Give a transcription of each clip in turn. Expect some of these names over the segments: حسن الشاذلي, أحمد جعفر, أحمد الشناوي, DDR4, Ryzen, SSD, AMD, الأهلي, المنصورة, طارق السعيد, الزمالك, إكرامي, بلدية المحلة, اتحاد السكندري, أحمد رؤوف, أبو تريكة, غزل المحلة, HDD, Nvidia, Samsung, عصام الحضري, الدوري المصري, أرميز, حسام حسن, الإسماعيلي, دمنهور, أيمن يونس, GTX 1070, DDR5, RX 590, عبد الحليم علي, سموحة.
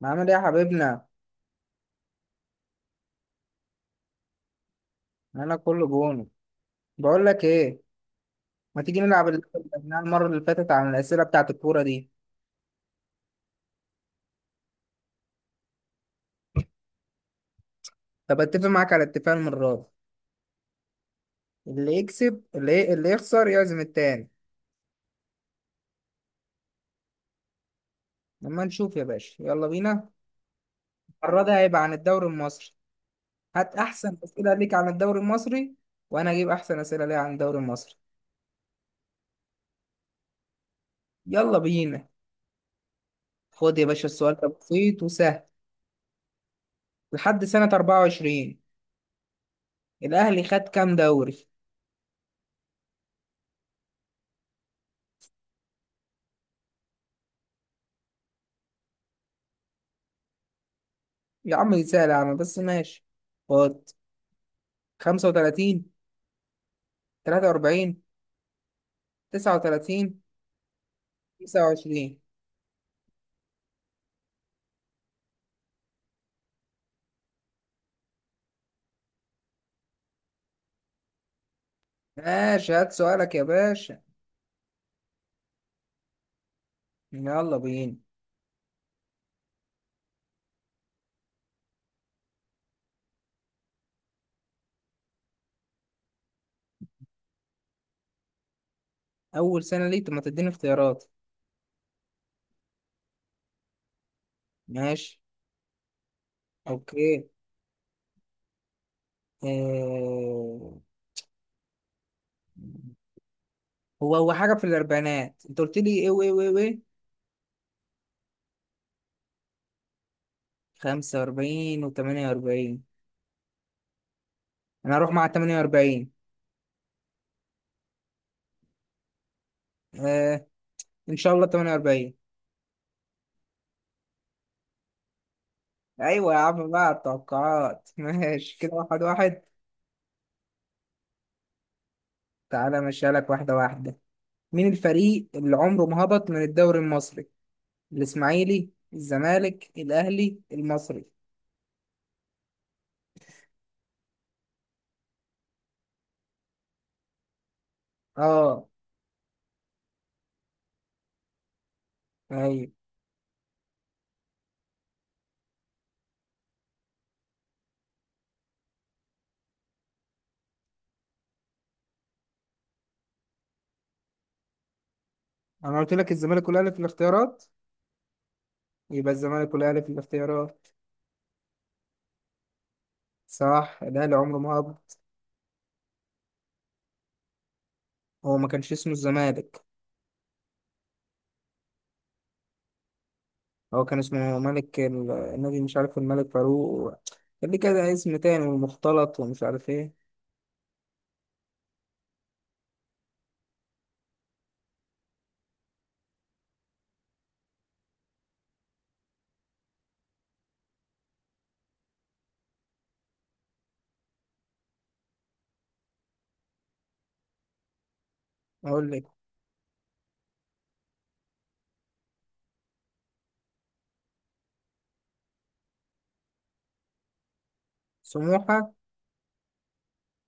ما عامل ايه يا حبيبنا؟ انا كله جون. بقول لك ايه، ما تيجي نلعب اللعبه اللي كنا لعبناها المره اللي فاتت عن الاسئله بتاعه الكوره دي؟ طب اتفق معاك على اتفاق المره دي، اللي يكسب، اللي يخسر يعزم التاني. لما نشوف يا باشا، يلا بينا. المره دي هيبقى عن الدوري المصري. هات احسن اسئله ليك عن الدوري المصري، وانا اجيب احسن اسئله ليا عن الدوري المصري. يلا بينا. خد يا باشا، السؤال ده بسيط وسهل. لحد سنه 24، الاهلي خد كام دوري؟ يا عم سهل، يا عم بس ماشي. خد: 35، 43، 39، 29. ماشي، هات سؤالك يا باشا، يلا بينا. أول سنة ليك؟ طب ما تديني اختيارات. ماشي. أوكي. آه... هو هو حاجة في الأربعينات، أنت قلت لي إيه وإيه وإيه وإيه؟ 45 وتمانية وأربعين. أنا هروح مع 48. آه... إن شاء الله 48. أيوة يا عم، بقى التوقعات ماشي كده واحد واحد. تعالى مشيها لك واحدة واحدة. مين الفريق اللي عمره ما هبط من الدوري المصري؟ الاسماعيلي، الزمالك، الاهلي، المصري. اه. ايوه. انا قلت لك الزمالك والاهلي في الاختيارات. يبقى الزمالك والاهلي في الاختيارات. صح، الاهلي عمره ما هبط. هو ما كانش اسمه الزمالك. هو كان اسمه ملك النادي، مش عارف، الملك فاروق. كان ليه كده اسم تاني ومختلط ومش عارف ايه. اقول لك: سموحة،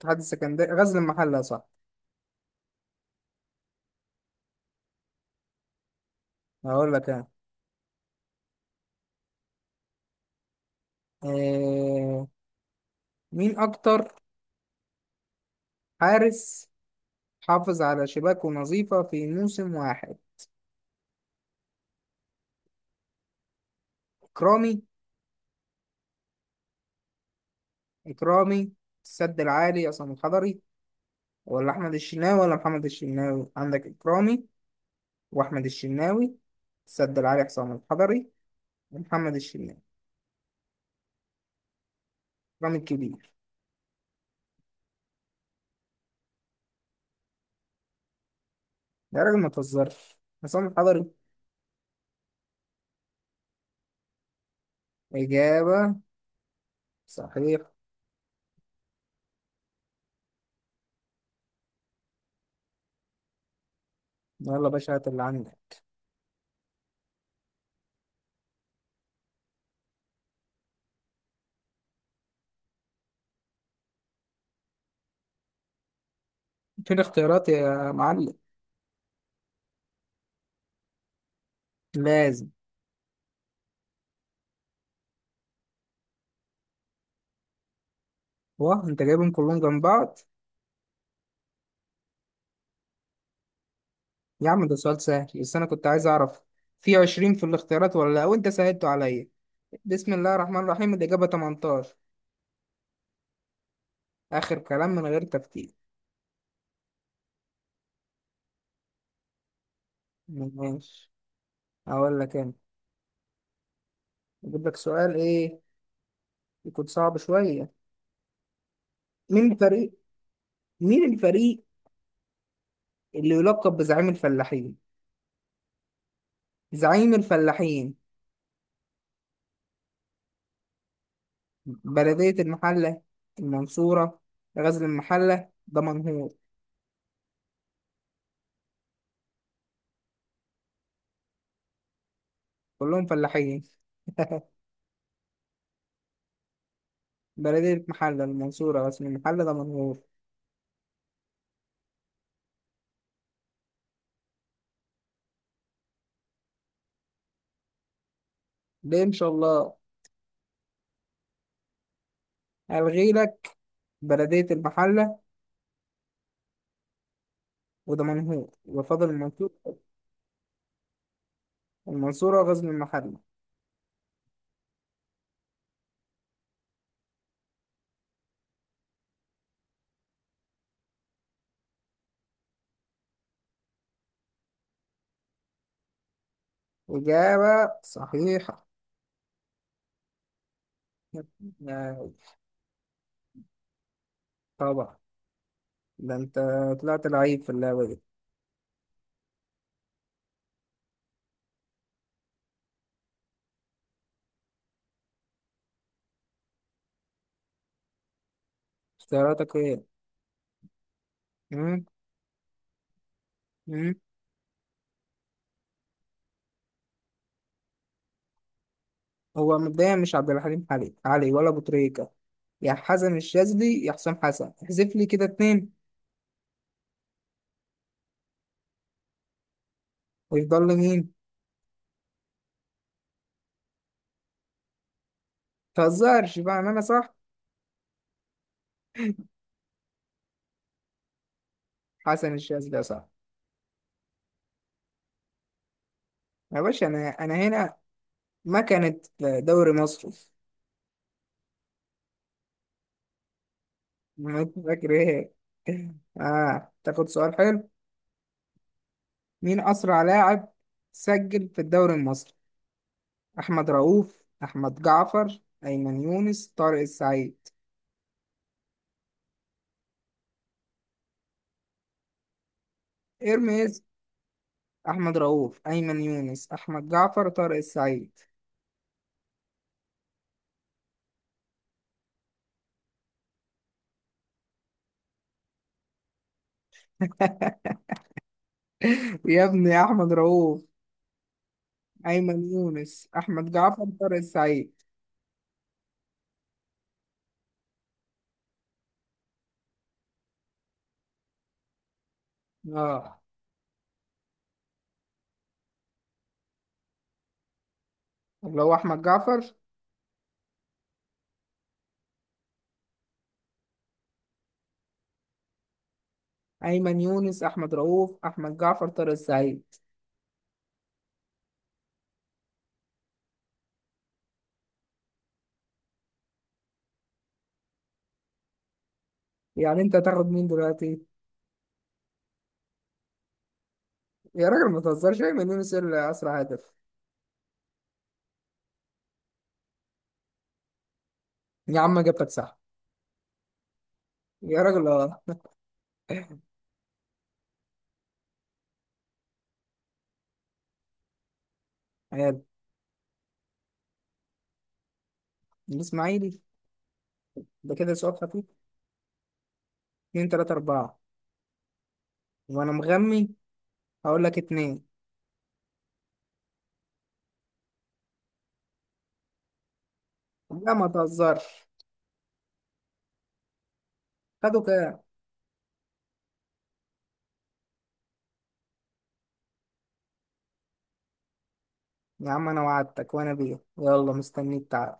اتحاد السكندري، غزل المحلة، صح. هقول لك انا. آه. مين اكتر حارس حافظ على شباكه نظيفة في موسم واحد؟ إكرامي. إكرامي، السد العالي عصام الحضري، ولا أحمد الشناوي، ولا محمد الشناوي. عندك إكرامي وأحمد الشناوي، السد العالي عصام الحضري، ومحمد الشناوي. إكرامي الكبير. ده راجل ما تهزرش. عصام الحضري. إجابة صحيحة. يلا يا باشا، هات اللي عندك. فين اختيارات يا معلم؟ لازم. واه، أنت جايبهم كلهم جنب بعض. يا عم ده سؤال سهل، بس أنا كنت عايز أعرف في 20 في الاختيارات ولا لأ، وأنت سهلته عليا. بسم الله الرحمن الرحيم، الإجابة 18. آخر كلام، من غير تفكير. ماشي. أقول لك أنا، أجيب لك سؤال إيه يكون صعب شوية. مين الفريق، مين الفريق اللي يلقب بزعيم الفلاحين؟ زعيم الفلاحين: بلدية المحلة، المنصورة، غزل المحلة، دمنهور. كلهم فلاحين. بلدية المحلة، المنصورة، غزل المحلة، دمنهور. ليه إن شاء الله؟ ألغي لك بلدية المحلة ودمنهور، وفضل المنصور، المنصورة وغزل المحلة. إجابة صحيحة. يا- طبعا، ده أنت طلعت لعيب في اللعبة دي. اختياراتك إيه؟ مم؟ مم؟ هو مبدئيا مش عبد الحليم علي، علي ولا أبو تريكة، يا حسن الشاذلي، يا حسام حسن. احذف لي كده 2، ويفضل لي مين؟ متهزرش بقى إن أنا صح. حسن الشاذلي يا صاحبي. يا باشا أنا هنا، مكنة دوري مصر. فاكر ايه؟ اه تاخد سؤال حلو. مين اسرع لاعب سجل في الدوري المصري؟ احمد رؤوف، احمد جعفر، ايمن يونس، طارق السعيد. ارميز. احمد رؤوف، ايمن يونس، احمد جعفر، طارق السعيد. يا ابني، يا احمد رؤوف، ايمن يونس، احمد جعفر، طارق السعيد. اه. اللي هو احمد جعفر. ايمن يونس، احمد رؤوف، احمد جعفر، طارق السعيد. يعني انت تاخد مين دلوقتي؟ يا راجل ما تهزرش، ايمن يونس هي اللي اسرع هدف. يا عم اجابتك صح. يا راجل اه. عيال. الاسماعيلي؟ ده كده سؤال خفيف. 2، 3، 4. وأنا مغمي هقول لك 2. لا ما تهزرش، خدوا كام؟ يا عم أنا وعدتك، وأنا بيه، يلا مستنيك، تعال.